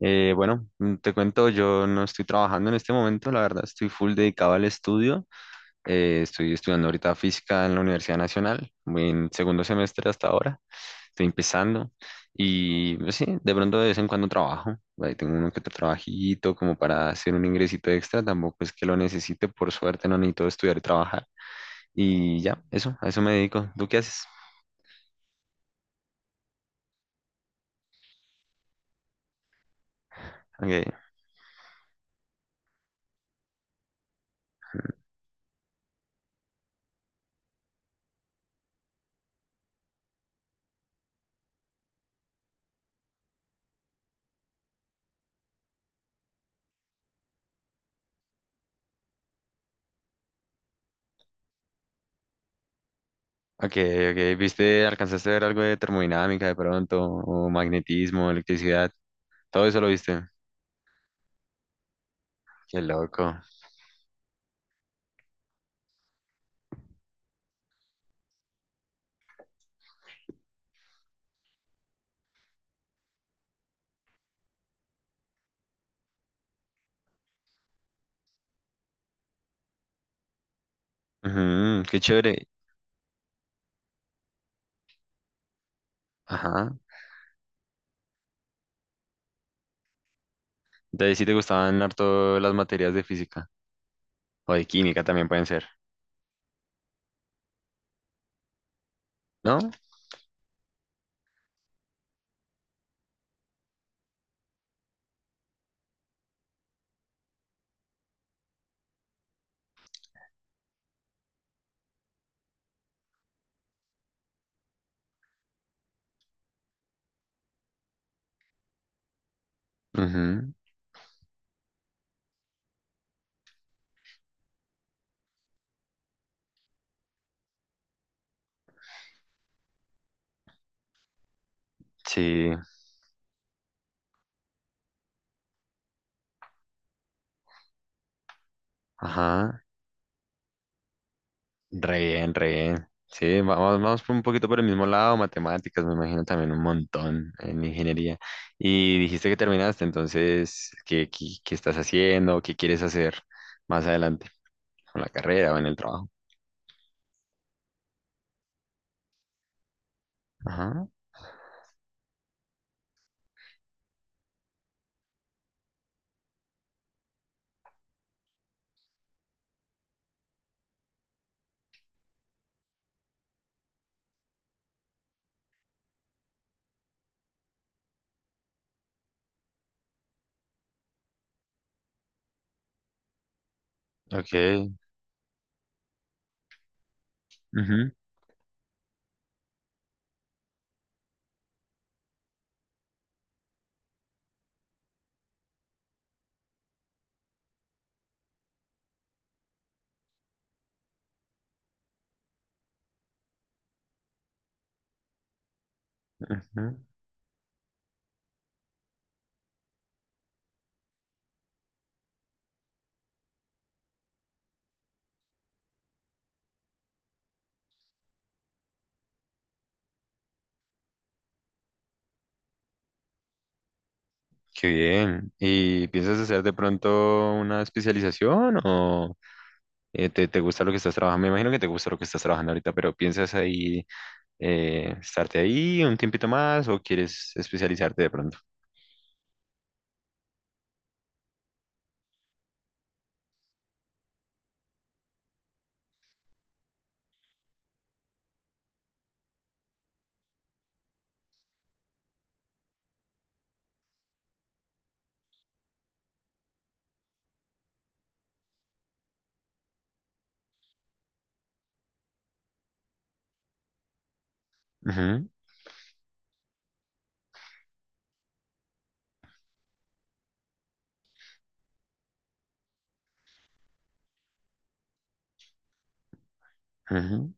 Bueno, Te cuento, yo no estoy trabajando en este momento, la verdad, estoy full dedicado al estudio. Estoy estudiando ahorita física en la Universidad Nacional, voy en segundo semestre hasta ahora, estoy empezando y pues, sí, de pronto de vez en cuando trabajo, ahí tengo uno que otro trabajito como para hacer un ingresito extra, tampoco es que lo necesite, por suerte no necesito estudiar y trabajar y ya, eso, a eso me dedico. ¿Tú qué haces? Ok. Ok, ok. ¿Viste, alcanzaste a ver algo de termodinámica de pronto, o magnetismo, electricidad? Todo eso lo viste. Qué loco. Ujú, qué chévere. Ajá. Entonces sí te gustaban harto las materias de física o de química también pueden ser, ¿no? Ujú. Sí. Ajá. Re bien, re bien. Sí, vamos, vamos por un poquito por el mismo lado, matemáticas, me imagino también un montón en ingeniería. Y dijiste que terminaste, entonces, ¿ qué estás haciendo? ¿Qué quieres hacer más adelante con la carrera o en el trabajo? Ajá, ok. Ujú, ujú. Qué bien. ¿Y piensas hacer de pronto una especialización o te gusta lo que estás trabajando? Me imagino que te gusta lo que estás trabajando ahorita, pero ¿piensas ahí estarte ahí un tiempito más o quieres especializarte de pronto? Ujú, ujú,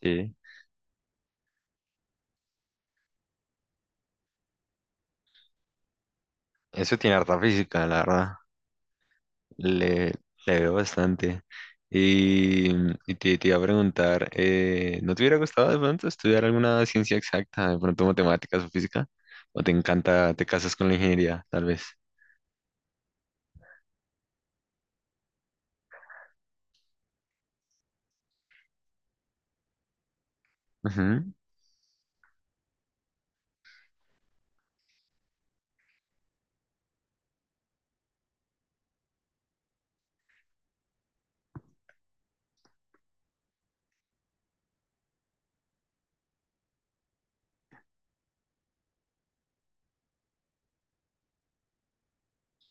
sí. Eso tiene harta física, la verdad. Le, le veo bastante. Y, y te iba a preguntar, ¿no te hubiera gustado de pronto estudiar alguna ciencia exacta, de pronto matemáticas o física? ¿O te encanta, te casas con la ingeniería, tal vez? Ujú.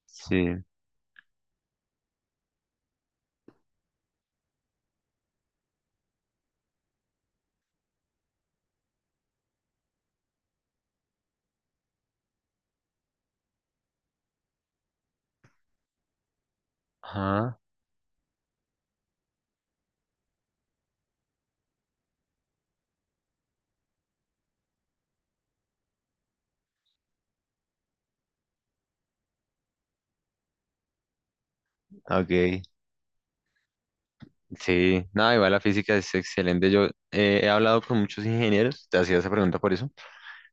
Sí. Ajá. Ok. Sí. No, igual la física es excelente. Yo he hablado con muchos ingenieros, te hacía esa pregunta por eso,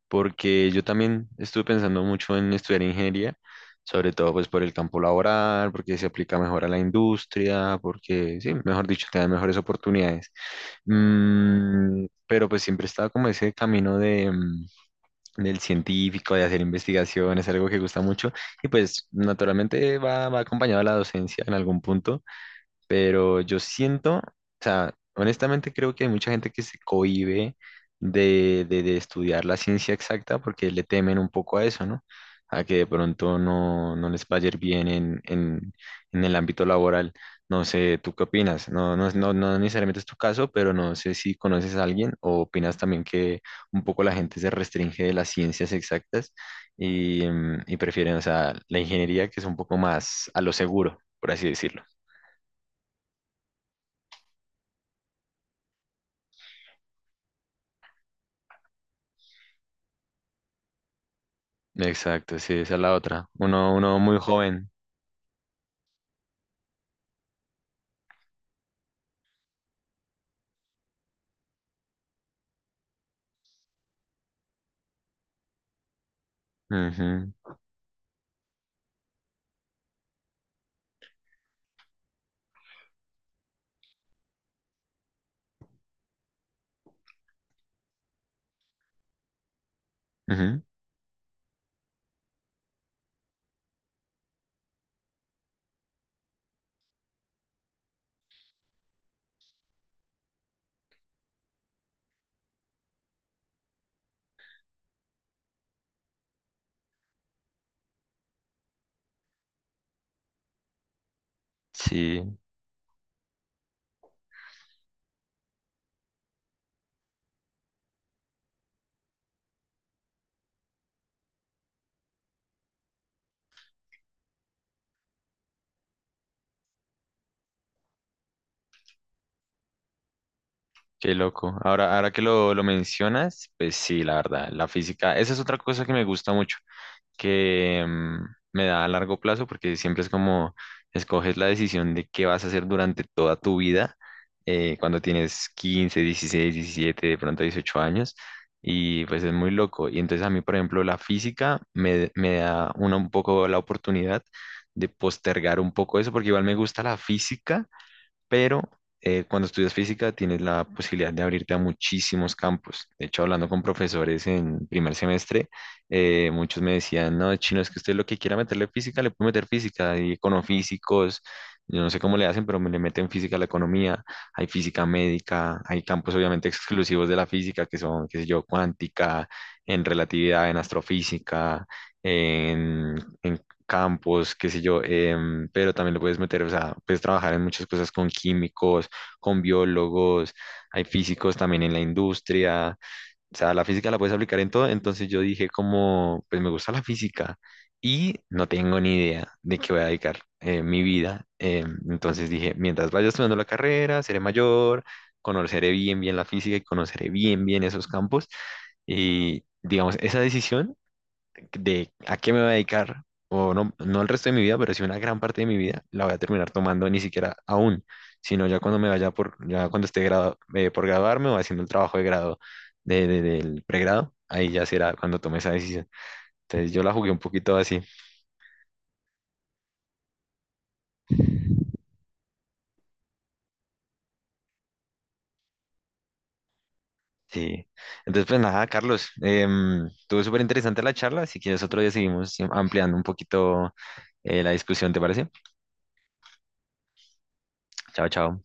porque yo también estuve pensando mucho en estudiar ingeniería, sobre todo pues por el campo laboral, porque se aplica mejor a la industria, porque sí, mejor dicho, te dan mejores oportunidades. Pero pues siempre estaba como ese camino de, del científico, de hacer investigaciones, algo que gusta mucho, y pues naturalmente va, va acompañado a la docencia en algún punto, pero yo siento, o sea, honestamente creo que hay mucha gente que se cohíbe de estudiar la ciencia exacta porque le temen un poco a eso, ¿no? A que de pronto no, no les vaya a ir bien en el ámbito laboral. No sé, ¿tú qué opinas? No, no, no, no necesariamente es tu caso, pero no sé si conoces a alguien o opinas también que un poco la gente se restringe de las ciencias exactas y, y prefieren, o sea, la ingeniería que es un poco más a lo seguro, por así decirlo. Exacto, sí, esa es la otra. Uno, uno muy joven. Ujú, ujú. Sí, qué loco. Ahora, ahora que lo mencionas, pues sí, la verdad, la física, esa es otra cosa que me gusta mucho. Que me da a largo plazo porque siempre es como escoges la decisión de qué vas a hacer durante toda tu vida, cuando tienes 15, 16, 17, de pronto 18 años, y pues es muy loco. Y entonces a mí, por ejemplo, la física me, me da una, un poco la oportunidad de postergar un poco eso porque igual me gusta la física, pero cuando estudias física tienes la posibilidad de abrirte a muchísimos campos. De hecho, hablando con profesores en primer semestre, muchos me decían, no, chino, es que usted lo que quiera meterle física, le puede meter física, hay econofísicos, yo no sé cómo le hacen, pero me le meten física a la economía, hay física médica, hay campos obviamente exclusivos de la física, que son, qué sé yo, cuántica, en relatividad, en astrofísica. En, en campos, qué sé yo, pero también lo puedes meter, o sea, puedes trabajar en muchas cosas con químicos, con biólogos, hay físicos también en la industria, o sea, la física la puedes aplicar en todo, entonces yo dije como, pues me gusta la física y no tengo ni idea de qué voy a dedicar mi vida, entonces dije, mientras vaya estudiando la carrera, seré mayor, conoceré bien, bien la física y conoceré bien, bien esos campos, y digamos, esa decisión de a qué me voy a dedicar, o no, no el resto de mi vida, pero sí una gran parte de mi vida, la voy a terminar tomando ni siquiera aún, sino ya cuando me vaya por, ya cuando esté por graduarme o haciendo el trabajo de grado del pregrado, ahí ya será cuando tome esa decisión. Entonces yo la jugué un poquito así, sí. Entonces pues nada, Carlos, estuvo súper interesante la charla, si quieres otro día seguimos ampliando un poquito la discusión, ¿te parece? Chao, chao.